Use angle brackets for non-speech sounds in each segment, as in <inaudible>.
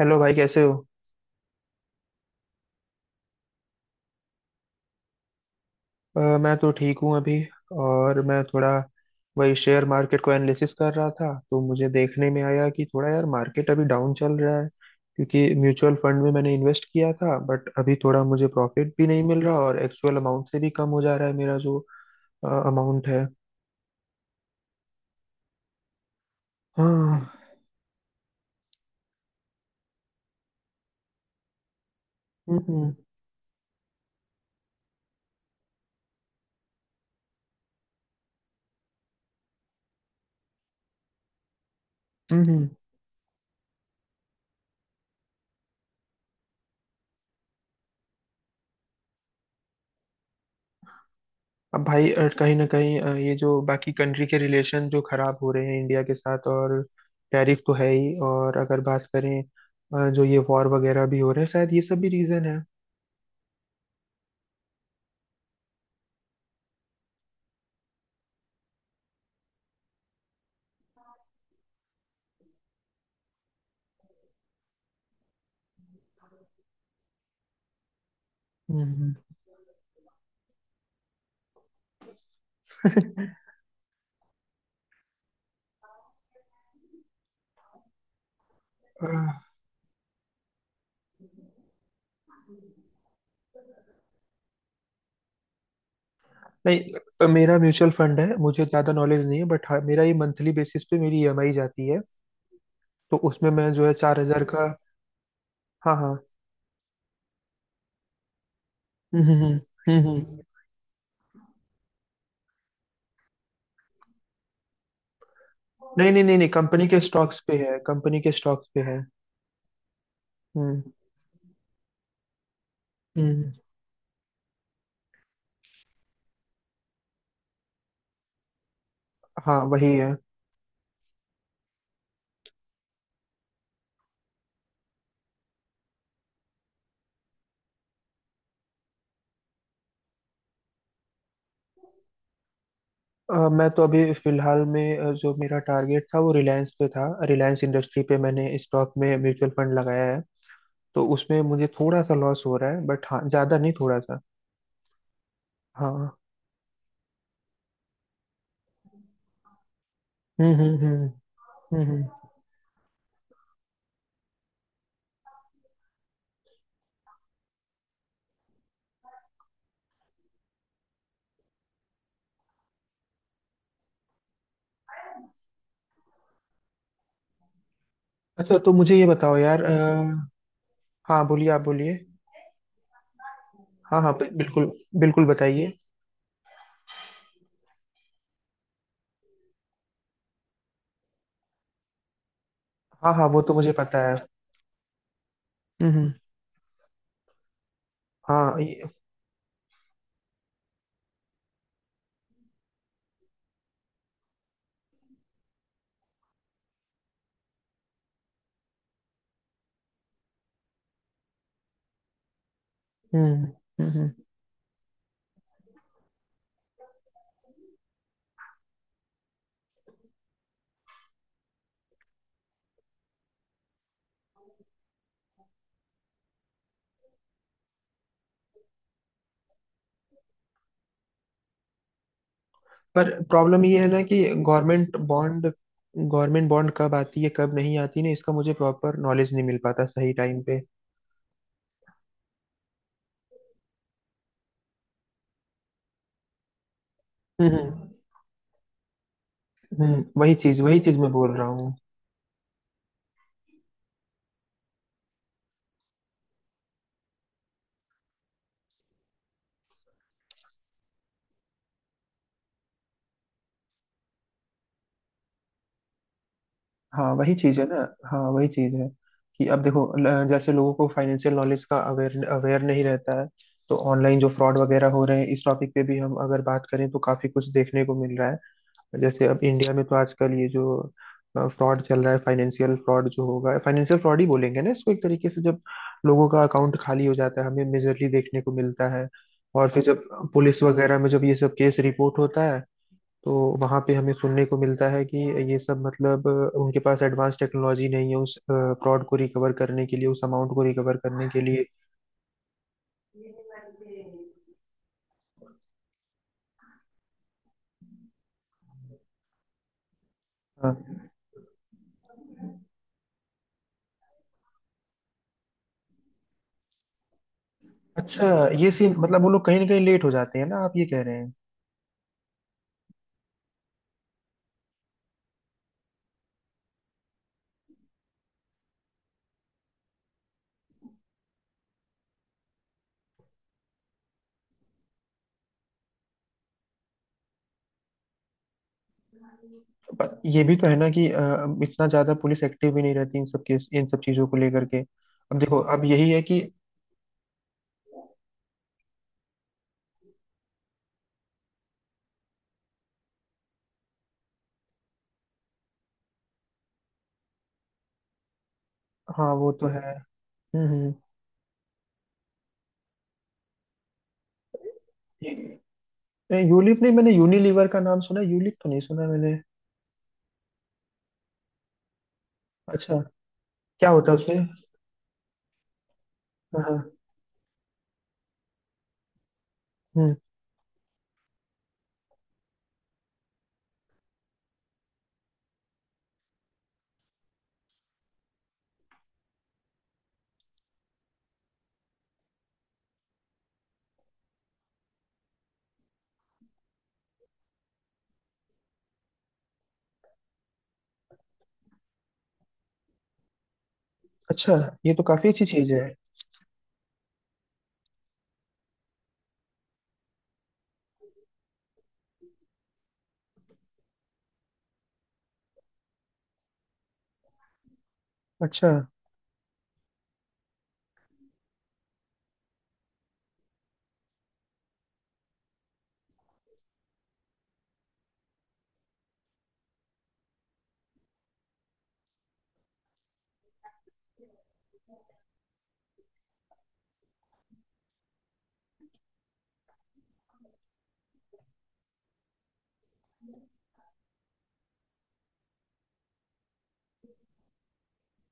Hello भाई, कैसे हो? मैं तो ठीक हूँ अभी। और मैं थोड़ा वही शेयर मार्केट को एनालिसिस कर रहा था, तो मुझे देखने में आया कि थोड़ा यार मार्केट अभी डाउन चल रहा है। क्योंकि म्यूचुअल फंड में मैंने इन्वेस्ट किया था, बट अभी थोड़ा मुझे प्रॉफिट भी नहीं मिल रहा और एक्चुअल अमाउंट से भी कम हो जा रहा है मेरा जो अमाउंट है। हाँ। हम्म, हम्म, हम्म। अब भाई, कहीं ना कहीं ये जो बाकी कंट्री के रिलेशन जो खराब हो रहे हैं इंडिया के साथ, और टैरिफ तो है ही, और अगर बात करें जो ये वॉर वगैरह भी हो रहे हैं, शायद ये सब भी रीजन है। हम्म। <laughs> अ, नहीं, मेरा म्यूचुअल फंड है, मुझे ज़्यादा नॉलेज नहीं है, बट हाँ, मेरा ये मंथली बेसिस पे मेरी ईएमआई जाती है, तो उसमें मैं जो है 4000 का। हाँ, हाँ। हम्म, हम्म, हम्म, नहीं, नहीं, नहीं, नहीं, कंपनी के स्टॉक्स पे है, कंपनी के स्टॉक्स पे है। हम्म, हम्म। हाँ, वही है। मैं तो अभी फिलहाल में जो मेरा टारगेट था वो रिलायंस पे था, रिलायंस इंडस्ट्री पे मैंने स्टॉक में म्यूचुअल फंड लगाया है, तो उसमें मुझे थोड़ा सा लॉस हो रहा है, बट हाँ ज्यादा नहीं, थोड़ा सा। हाँ। हम्म, हम्म, हम्म, हम्म, अच्छा, तो मुझे ये बताओ यार। हाँ, बोलिए, आप बोलिए। हाँ, हाँ, बिल्कुल। बिल्कुल बताइए। हाँ, हाँ, वो तो मुझे पता है। हम्म, हम्म। हाँ। हम्म, हम्म, पर प्रॉब्लम ये है ना कि गवर्नमेंट बॉन्ड कब आती है कब नहीं आती ना, इसका मुझे प्रॉपर नॉलेज नहीं मिल पाता सही टाइम पे। हम्म, हम्म, वही चीज, वही चीज मैं बोल रहा हूँ। हाँ, वही चीज है ना। हाँ, वही चीज है। कि अब देखो, जैसे लोगों को फाइनेंशियल नॉलेज का अवेयर अवेयर नहीं रहता है। तो ऑनलाइन जो फ्रॉड वगैरह हो रहे हैं, इस टॉपिक पे भी हम अगर बात करें, तो काफी कुछ देखने को मिल रहा है। जैसे अब इंडिया में तो आजकल ये जो फ्रॉड चल रहा है, फाइनेंशियल फ्रॉड, जो होगा फाइनेंशियल फ्रॉड ही बोलेंगे ना इसको, एक तरीके से जब लोगों का अकाउंट खाली हो जाता है, हमें मेजरली देखने को मिलता है। और फिर जब पुलिस वगैरह में जब ये सब केस रिपोर्ट होता है, तो वहां पे हमें सुनने को मिलता है कि ये सब मतलब उनके पास एडवांस टेक्नोलॉजी नहीं है उस फ्रॉड को रिकवर करने के लिए, उस अमाउंट को रिकवर करने के लिए। हाँ। अच्छा, ये सीन मतलब वो लोग कहीं ना कहीं लेट हो जाते हैं ना, आप ये कह रहे हैं। पर ये भी तो है ना कि इतना ज्यादा पुलिस एक्टिव भी नहीं रहती इन सब केस, इन सब चीजों को लेकर के। अब देखो, अब यही है कि। हाँ, वो तो है। हम्म, हम्म। ये- यूलिप नहीं, मैंने यूनिलीवर का नाम सुना है, यूलिप तो नहीं सुना मैंने। अच्छा, क्या होता है उसमें? हाँ, हाँ। हम्म। अच्छा, ये तो काफी अच्छी चीज है। अच्छा।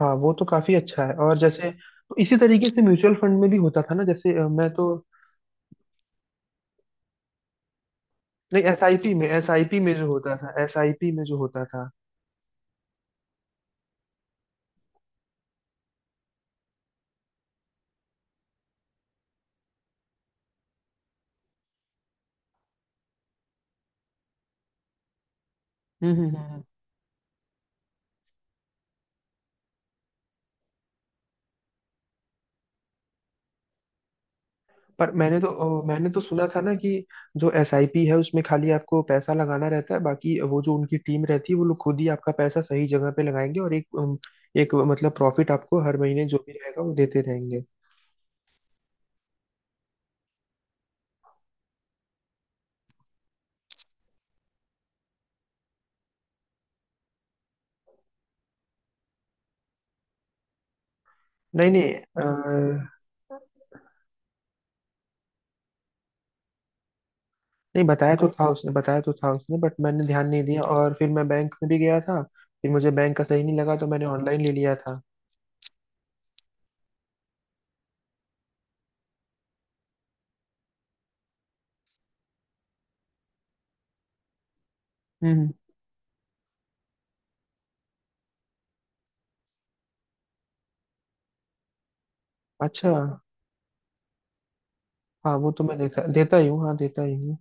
हाँ, वो तो काफी अच्छा है। और जैसे, तो इसी तरीके से म्यूचुअल फंड में भी होता था ना, जैसे मैं तो। नहीं, एसआईपी में जो होता था, एसआईपी में जो होता था। हम्म, हम्म, हम्म। पर मैंने तो सुना था ना कि जो एसआईपी है उसमें खाली आपको पैसा लगाना रहता है, बाकी वो जो उनकी टीम रहती है वो लोग खुद ही आपका पैसा सही जगह पे लगाएंगे, और एक मतलब प्रॉफिट आपको हर महीने जो भी रहेगा वो देते रहेंगे। नहीं, नहीं। नहीं, बताया तो था उसने, बताया तो था उसने, बट मैंने ध्यान नहीं दिया, और फिर मैं बैंक में भी गया था। फिर मुझे बैंक का सही नहीं लगा, तो मैंने ऑनलाइन ले लिया था। हम्म। अच्छा। हाँ, वो तो मैं देता देता ही हूँ, हाँ देता ही हूँ।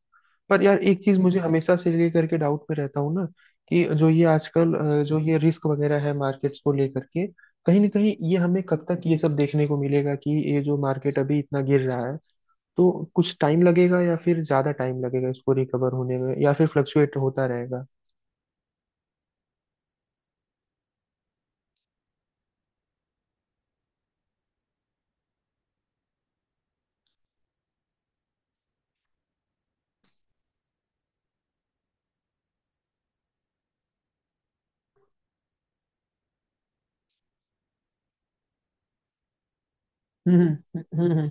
पर यार एक चीज मुझे हमेशा से लेकर के डाउट में रहता हूँ ना, कि जो ये आजकल जो ये रिस्क वगैरह है मार्केट्स को लेकर के, कहीं ना कहीं ये हमें कब तक ये सब देखने को मिलेगा कि ये जो मार्केट अभी इतना गिर रहा है? तो कुछ टाइम लगेगा या फिर ज्यादा टाइम लगेगा इसको रिकवर होने में, या फिर फ्लक्चुएट होता रहेगा? हम्म, हम्म, हम्म।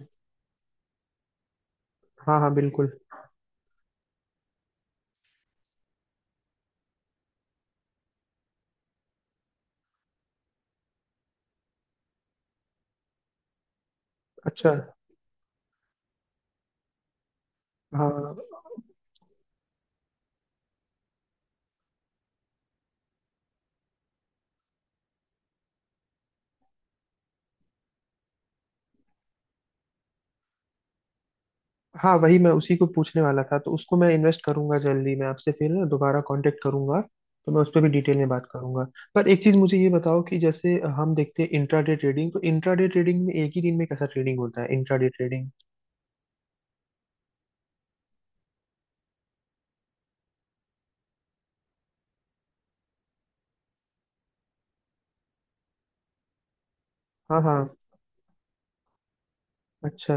हाँ, हाँ, बिल्कुल। अच्छा। हाँ, हाँ, वही मैं उसी को पूछने वाला था, तो उसको मैं इन्वेस्ट करूंगा जल्दी, मैं आपसे फिर ना दोबारा कांटेक्ट करूंगा। तो मैं उस पर भी डिटेल में बात करूंगा। पर एक चीज मुझे ये बताओ कि जैसे हम देखते हैं इंट्राडे ट्रेडिंग, तो इंट्राडे ट्रेडिंग में एक ही दिन में कैसा ट्रेडिंग होता है इंट्राडे ट्रेडिंग? हाँ, हाँ। अच्छा,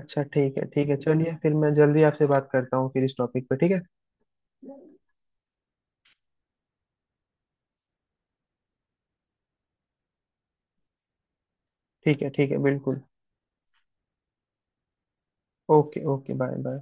अच्छा। ठीक है, ठीक है, चलिए फिर मैं जल्दी आपसे बात करता हूँ फिर इस टॉपिक पे, ठीक है? ठीक है, ठीक है, बिल्कुल। Okay, okay, bye, bye.